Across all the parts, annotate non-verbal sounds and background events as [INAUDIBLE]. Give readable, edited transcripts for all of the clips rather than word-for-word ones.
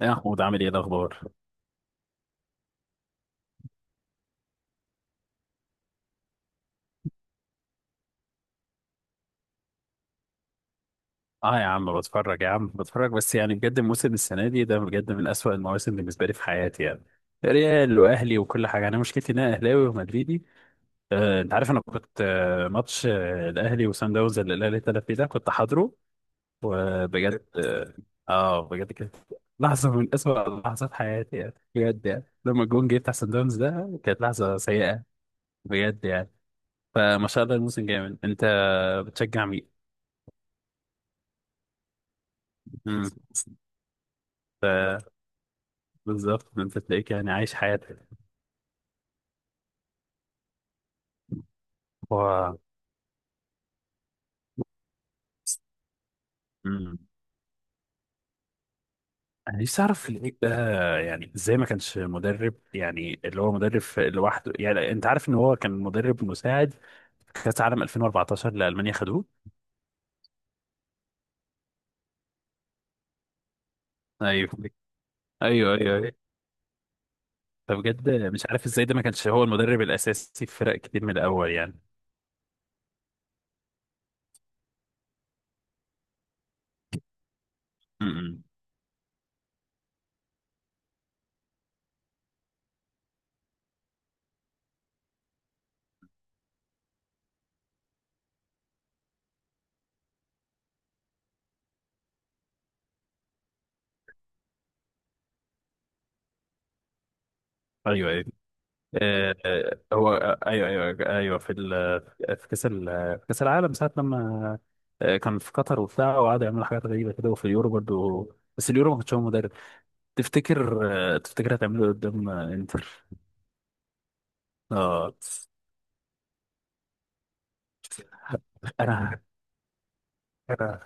يا محمود، عامل ايه الاخبار؟ اه يا عم بتفرج، يا عم بتفرج، بس يعني بجد موسم السنه دي ده بجد من اسوأ المواسم بالنسبه لي في حياتي يعني. ريال واهلي وكل حاجه، انا مشكلتي ان انا اهلاوي ومدريدي. انت عارف، انا كنت ماتش الاهلي وسان داونز اللي الاهلي اتلعب فيه ده كنت حاضره وبجد بجد كانت لحظه من اسوأ لحظات حياتي يعني، بجد يعني لما الجون جه بتاع سان داونز ده كانت لحظه سيئه بجد يعني. فما شاء الله الموسم جامد. انت بتشجع مين؟ مم. بالظبط، انت تلاقيك يعني عايش حياتك. هو. مم. انا نفسي اعرف العيب ده، يعني ازاي ما كانش مدرب، يعني اللي هو مدرب لوحده، يعني انت عارف ان هو كان مدرب مساعد في كاس عالم 2014 اللي المانيا خدوه. ايوه، ايوه، ايوه، ايوه. فبجد مش عارف ازاي ده ما كانش هو المدرب الاساسي في فرق كتير من الاول يعني. امم. ايوه، ايوه. هو ايوه، ايوه، ايوه. في كاس العالم ساعه لما كان في قطر وبتاع وقعدوا يعملوا حاجات غريبه كده، وفي اليورو برضو. بس اليورو ما كانش هو مدرب. تفتكر تفتكر هتعمله قدام انتر؟ اه. انا انا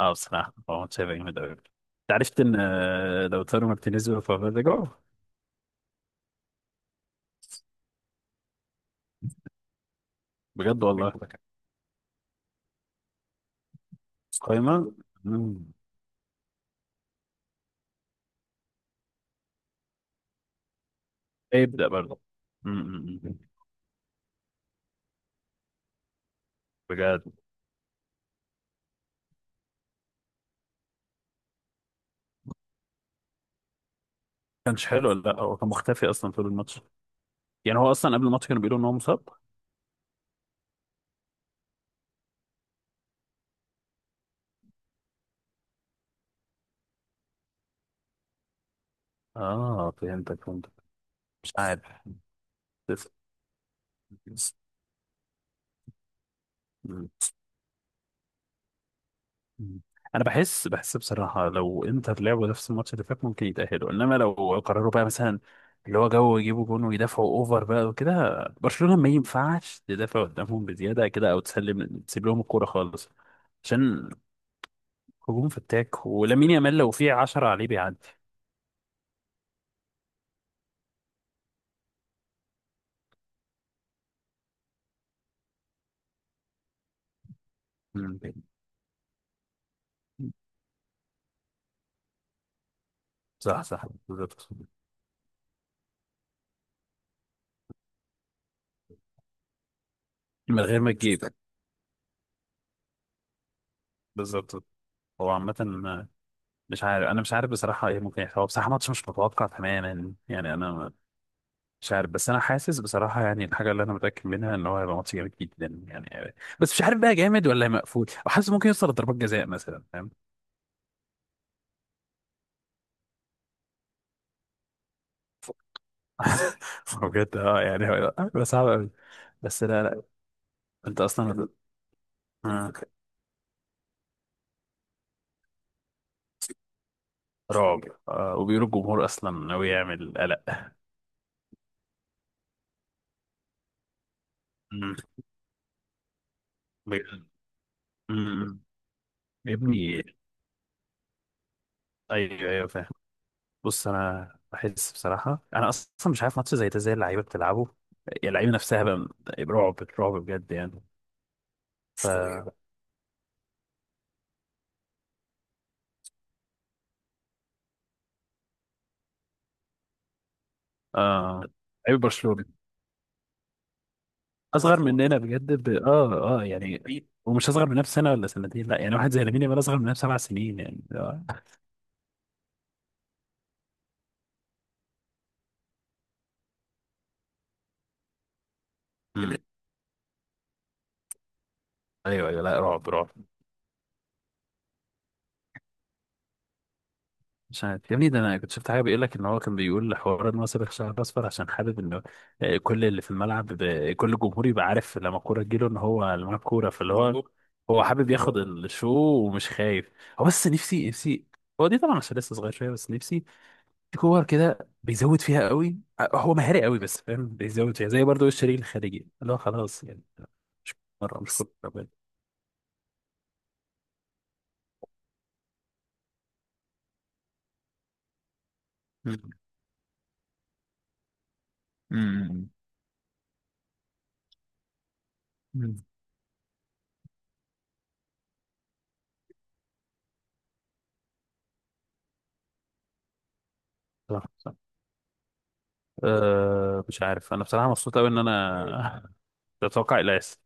اه بصراحه هو ماتش هيبقى جامد قوي. انت عرفت ان لوتارو مارتينيز وفافا رجعوا. بجد والله. قايمه. مم. ايه يبدا برضه. مم، مم، مم. بجد ما كانش حلو، لا هو كان مختفي اصلا طول الماتش. يعني هو اصلا قبل الماتش كانوا بيقولوا ان هو مصاب. اه، فهمتك فهمتك. مش عارف. بس- بس- مم. مم. انا بحس بصراحه، لو انتر لعبوا نفس الماتش اللي فات ممكن يتاهلوا، انما لو قرروا بقى مثلا اللي هو يجيبوا جون ويدافعوا اوفر بقى وكده. برشلونه ما ينفعش تدافع قدامهم بزياده كده او تسيب لهم الكوره خالص، عشان هجوم فتاك، ولامين يامال لو في 10 عليه بيعدي. مم. صح، صح، بالظبط. من غير ما تجيب. بالظبط. هو عامه مش عارف، انا مش عارف بصراحه ايه ممكن يحصل. هو بصراحه ماتش مش متوقع تماما يعني. انا مش عارف، بس انا حاسس بصراحه، يعني الحاجه اللي انا متاكد منها ان هو هيبقى ماتش جامد جدا يعني. بس مش عارف بقى جامد ولا مقفول، وحاسس ممكن يوصل لضربات جزاء مثلا، فاهم. [LAUGHS] بجد يعني هيبقى صعب قوي. بس لا، لا. انت اصلا آه، رعب. وبيقولوا الجمهور اصلا ناوي يعمل قلق. مم. بجد. مم. يا ابني، ايوه، ايوه فاهم. بص انا بحس بصراحه انا اصلا مش عارف ماتش زي ده زي اللعيبه بتلعبه، يعني اللعيبه نفسها بقى، رعب رعب بجد يعني. ف شوية. اه، لعيبه برشلونه اصغر مننا بجد ب... يعني. ومش اصغر مننا بسنه ولا سنتين، لا يعني واحد زي لامين يامال اصغر مننا ب7 سنين يعني. أمم. ايوه، ايوه، لا، رعب رعب. مش عارف يا ابني، ده انا كنت شفت حاجه بيقول لك ان هو كان بيقول حوار ان هو سابق شعر اصفر عشان حابب انه كل اللي في الملعب كل الجمهور يبقى عارف لما الكوره تجيله ان هو اللي معاه الكوره، فاللي هو مظبوط. هو حابب ياخد مظبوط الشو ومش خايف. هو بس نفسي، نفسي هو دي طبعا عشان لسه صغير شويه، بس نفسي في كور كده بيزود فيها قوي. هو مهاري قوي بس فاهم، بيزود فيها زي برضه الشريك الخارجي اللي هو خلاص يعني. مش مره، مش كل مرة. مم. امم. مم. صح صح. أه مش عارف، انا بصراحه مبسوط قوي ان انا تتوقع الياس.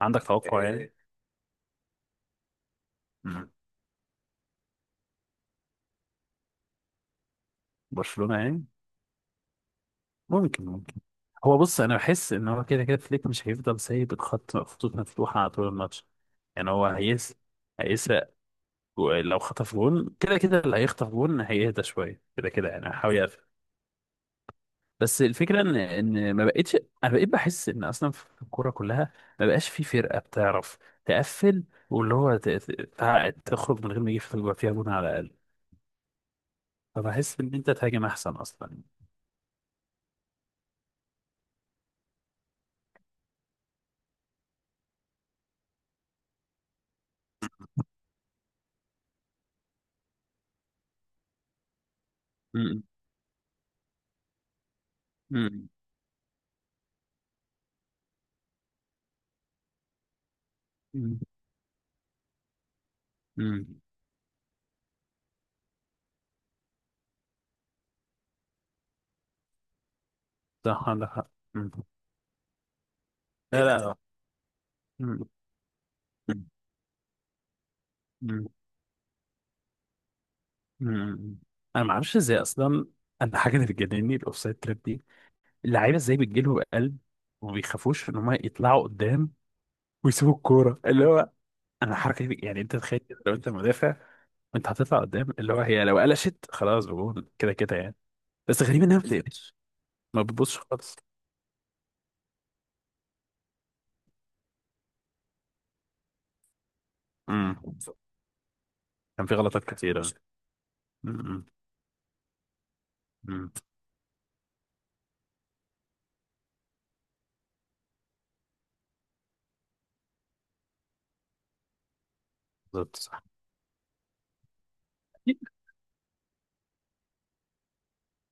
عندك توقع يعني؟ مم. برشلونة يعني. ممكن، ممكن. هو بص انا بحس ان هو كده كده فليك مش هيفضل سايب خطوط مفتوحه على طول الماتش. يعني هو هيسرق. لو خطف جون كده كده، اللي هيخطف جون هيهدى شويه كده كده، يعني هيحاول يقفل. بس الفكره ان ما بقتش، انا بقيت بحس ان اصلا في الكوره كلها ما بقاش في فرقه بتعرف تقفل، واللي هو تخرج من غير ما يجي فيها جون على الاقل. فبحس ان انت تهاجم احسن اصلا. مم. مم. مم. صح، عندك حق. مم. لا بعيدا، لا. مم. مم. مم. مم. انا ما اعرفش ازاي اصلا. انا حاجه اللي بتجنني الاوفسايد تراب دي، اللعيبه ازاي بتجيلهم قلب وما بيخافوش ان هم يطلعوا قدام ويسيبوا الكوره اللي هو. انا الحركه دي، يعني انت تخيل كده لو انت مدافع وانت هتطلع قدام اللي هو هي، لو قلشت خلاص بجون كده كده يعني. بس غريب انها ما بتقلش، ما بتبصش خالص. مم. كان في غلطات كتيره. مم. مم. بالظبط، صح.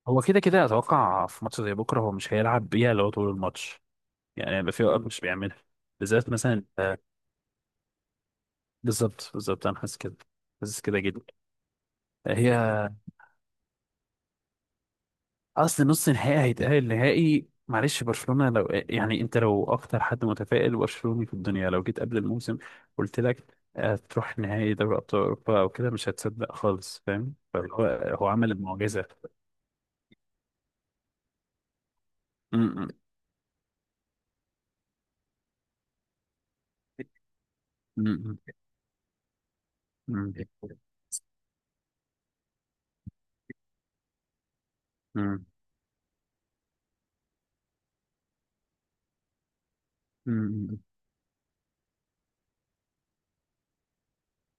هو كده كده اتوقع في ماتش زي بكره هو مش هيلعب بيها لو طول الماتش، يعني هيبقى في اوقات مش بيعملها، بالذات مثلا. بالظبط بالظبط انا حاسس كده، حاسس كده جدا. هي اصل نص نهائي هيتأهل نهائي، معلش برشلونه لو يعني انت لو اكتر حد متفائل برشلوني في الدنيا، لو جيت قبل الموسم قلت لك تروح نهائي دوري ابطال اوروبا او كده، مش هتصدق خالص فاهم. فهو هو هو عمل المعجزه. م- م- م- م- م- م- م-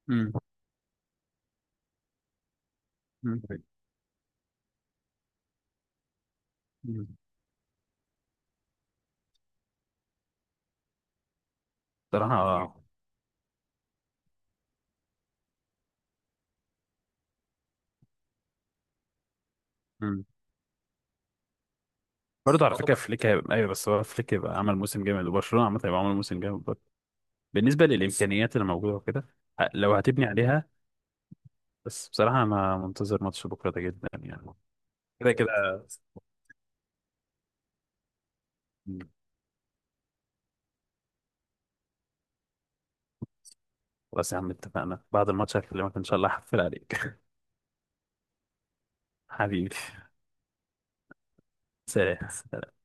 م- م- م- م- صراحة. مم. برضه على برضه فكرة فليك هيبقى أيوة، بس هو فليك هيبقى عمل موسم جامد، وبرشلونة عامة هيبقى عمل موسم جامد برضه بالنسبة للإمكانيات اللي موجودة وكده. لو هتبني عليها. بس بصراحة أنا منتظر ماتش بكرة ده جدا يعني. كده كده. مم. خلاص يا عم اتفقنا، بعد الماتش هكلمك إن شاء الله، هحفل عليك. [LAUGHS] حبيبي. سلام.